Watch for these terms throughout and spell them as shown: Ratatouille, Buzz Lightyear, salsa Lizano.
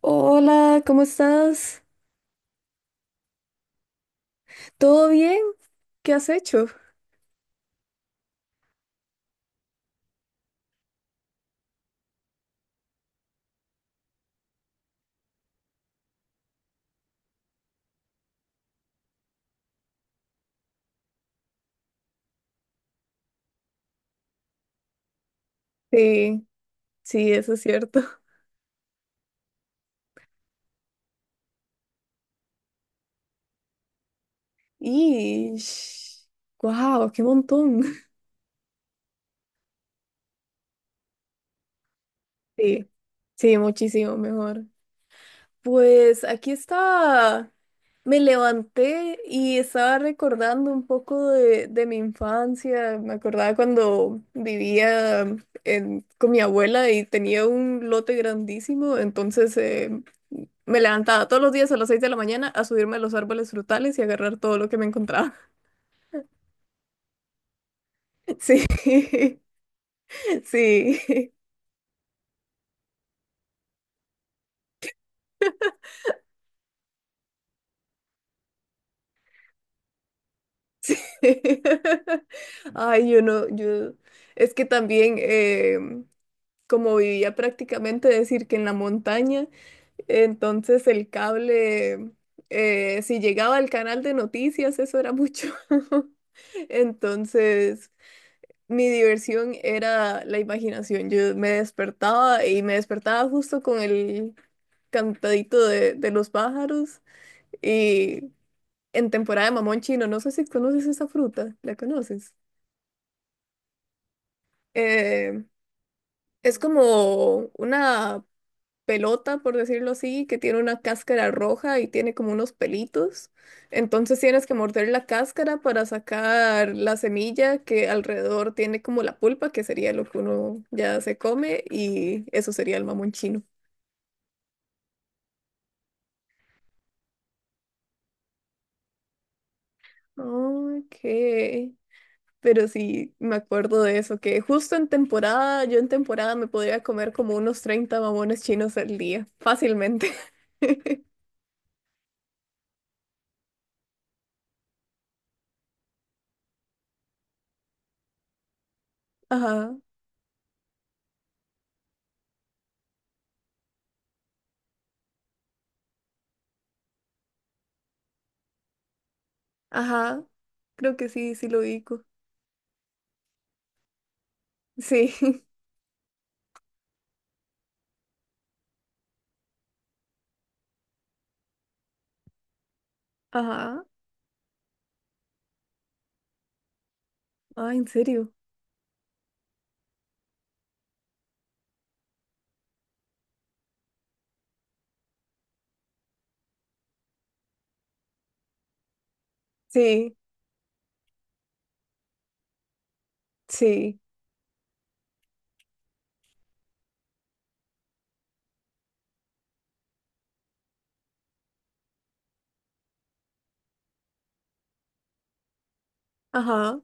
Hola, ¿cómo estás? ¿Todo bien? ¿Qué has hecho? Sí, sí, eso es cierto. Y wow, qué montón. Sí, sí, muchísimo mejor. Pues aquí está. Me levanté y estaba recordando un poco de mi infancia. Me acordaba cuando vivía con mi abuela y tenía un lote grandísimo. Entonces me levantaba todos los días a las 6 de la mañana a subirme a los árboles frutales y agarrar todo lo que me encontraba. Sí, sí. Ay, yo no, yo. Es que también, como vivía prácticamente, decir que en la montaña, entonces el cable, si llegaba al canal de noticias, eso era mucho. Entonces, mi diversión era la imaginación. Yo me despertaba y me despertaba justo con el cantadito de los pájaros y en temporada de mamón chino, no sé si conoces esa fruta, ¿la conoces? Eh, es como una pelota, por decirlo así, que tiene una cáscara roja y tiene como unos pelitos. Entonces tienes que morder la cáscara para sacar la semilla que alrededor tiene como la pulpa, que sería lo que uno ya se come, y eso sería el mamón chino. Ok. Pero sí, me acuerdo de eso, que justo en temporada, yo en temporada me podría comer como unos 30 mamones chinos al día, fácilmente. Ajá, ajá, creo que sí, sí lo ubico. Sí. Ajá. Ah, ¿en serio? Sí, sí, ajá.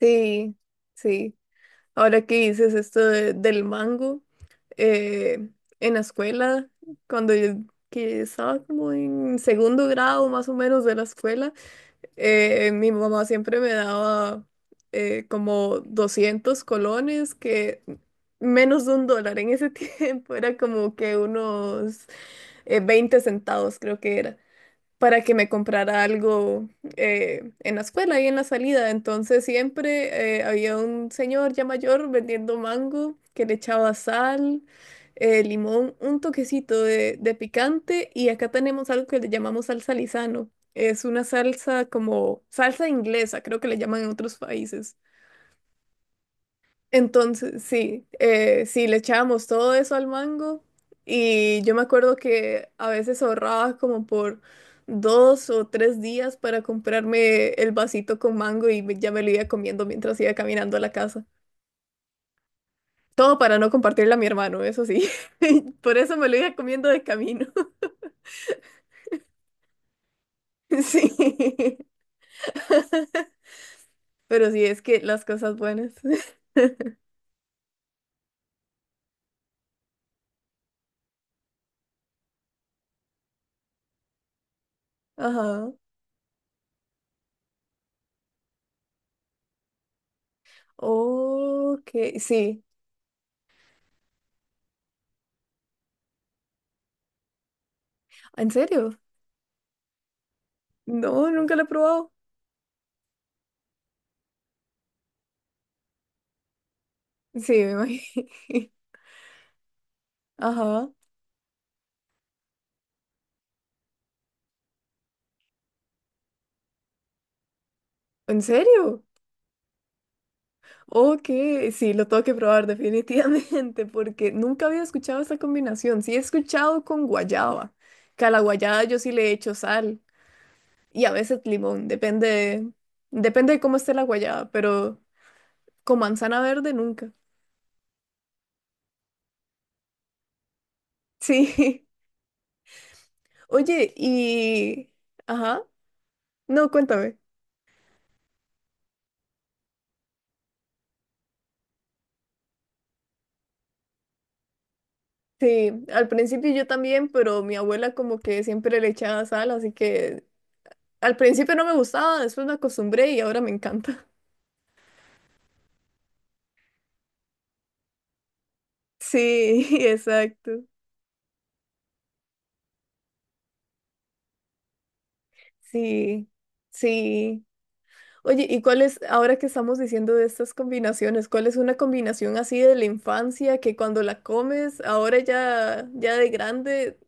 Sí, sí. Ahora que dices esto del mango, eh, en la escuela, cuando yo que estaba como en segundo grado más o menos de la escuela, mi mamá siempre me daba como 200 colones, que menos de un dólar en ese tiempo, era como que unos 20 centavos creo que era, para que me comprara algo en la escuela y en la salida. Entonces siempre había un señor ya mayor vendiendo mango que le echaba sal, limón, un toquecito de picante, y acá tenemos algo que le llamamos salsa Lizano. Es una salsa como salsa inglesa, creo que le llaman en otros países. Entonces, sí, sí, le echábamos todo eso al mango, y yo me acuerdo que a veces ahorraba como por 2 o 3 días para comprarme el vasito con mango y ya me lo iba comiendo mientras iba caminando a la casa. Todo para no compartirle a mi hermano, eso sí. Por eso me lo iba comiendo de camino. Sí, pero sí, es que las cosas buenas. Ajá. Ok, sí. ¿En serio? No, nunca lo he probado. Sí, me imagino. Ajá. ¿En serio? Ok, sí, lo tengo que probar definitivamente porque nunca había escuchado esta combinación. Sí he escuchado con guayaba, que a la guayaba yo sí le echo sal y a veces limón, depende, depende de cómo esté la guayaba, pero con manzana verde nunca. Sí. Oye. Ajá. No, cuéntame. Sí, al principio yo también, pero mi abuela como que siempre le echaba sal, así que al principio no me gustaba, después me acostumbré y ahora me encanta. Sí, exacto. Sí, sí. Oye, ¿y cuál es, ahora que estamos diciendo de estas combinaciones, cuál es una combinación así de la infancia que cuando la comes, ahora ya, ya de grande,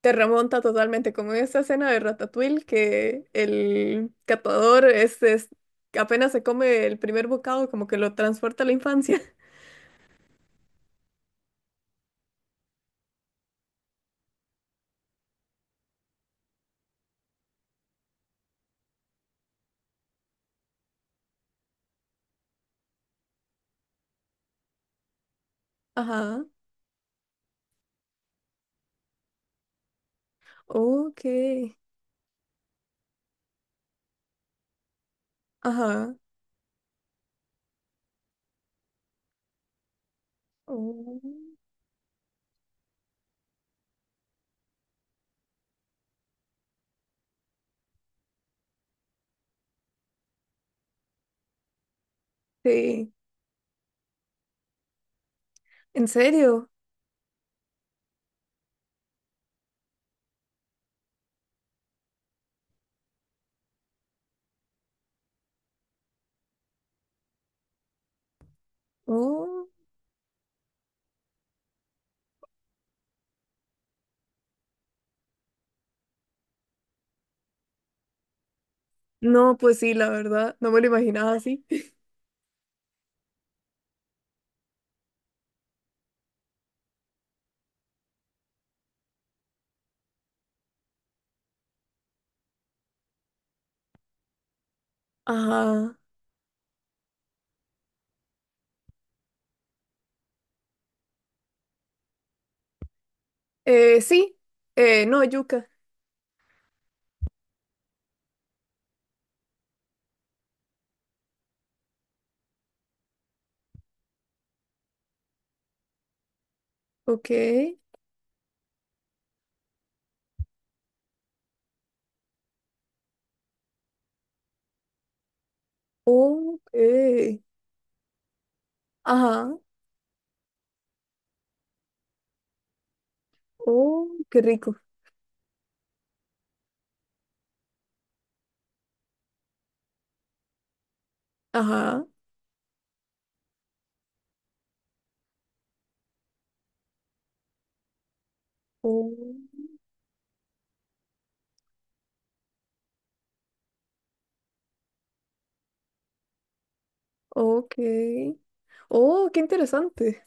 te remonta totalmente, como en esta escena de Ratatouille, que el catador apenas se come el primer bocado, como que lo transporta a la infancia. Ajá, ok, ajá, oh, sí, ¿en serio? Oh. No, pues sí, la verdad, no me lo imaginaba así. Ajá. Sí, no, yuca. Ok, ok. Ajá, oh, qué rico. Ajá, oh, ok. Oh, qué interesante.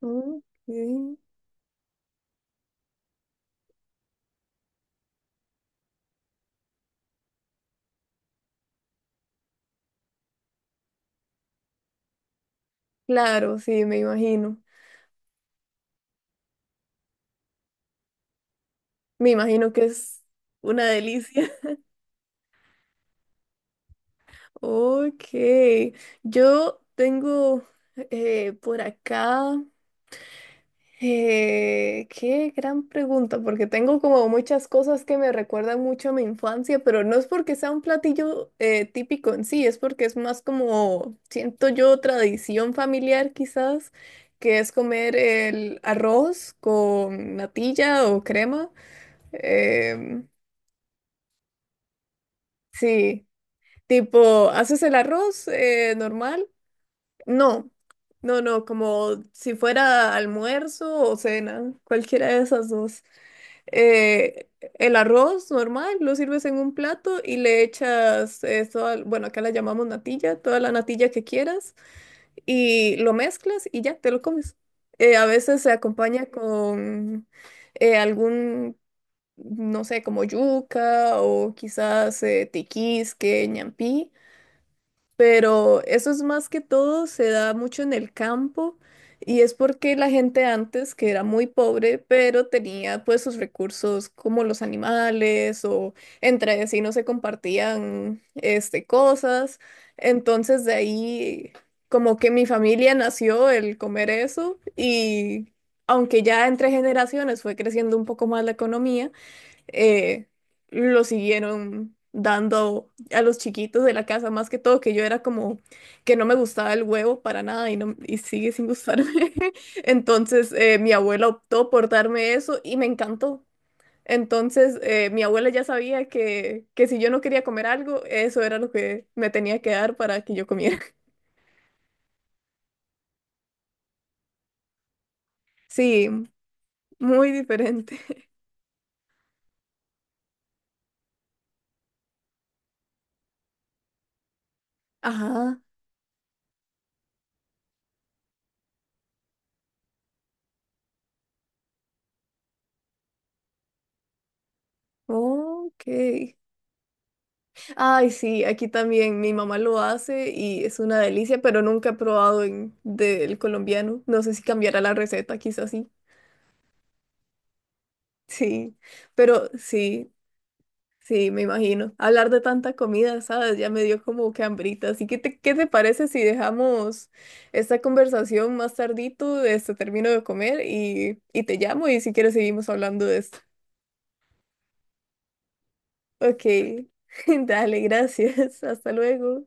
Ok. Claro, sí, me imagino. Me imagino que es una delicia. Ok, yo tengo por acá. Qué gran pregunta, porque tengo como muchas cosas que me recuerdan mucho a mi infancia, pero no es porque sea un platillo típico en sí, es porque es más como, siento yo, tradición familiar quizás, que es comer el arroz con natilla o crema. Em, sí, tipo, haces el arroz normal. No, no, no, como si fuera almuerzo o cena, cualquiera de esas dos. Eh, el arroz normal lo sirves en un plato y le echas, bueno, acá la llamamos natilla, toda la natilla que quieras, y lo mezclas y ya te lo comes. A veces se acompaña con algún, no sé, como yuca o quizás tiquisque, ñampí, pero eso es más que todo, se da mucho en el campo, y es porque la gente antes, que era muy pobre, pero tenía pues sus recursos como los animales o entre vecinos se compartían este, cosas, entonces de ahí como que mi familia nació el comer eso, y aunque ya entre generaciones fue creciendo un poco más la economía, eh, lo siguieron dando a los chiquitos de la casa, más que todo, que yo era como que no me gustaba el huevo para nada y, no, y sigue sin gustarme. Entonces mi abuela optó por darme eso y me encantó. Entonces mi abuela ya sabía que si yo no quería comer algo, eso era lo que me tenía que dar para que yo comiera. Sí, muy diferente. Ajá, ok. Ay, sí, aquí también mi mamá lo hace y es una delicia, pero nunca he probado del colombiano. No sé si cambiará la receta, quizás sí. Sí, pero sí, sí, me imagino. Hablar de tanta comida, ¿sabes? Ya me dio como que hambrita. Así que, ¿qué te parece si dejamos esta conversación más tardito? Este, termino de comer y te llamo y si quieres seguimos hablando de esto. Ok, dale, gracias. Hasta luego.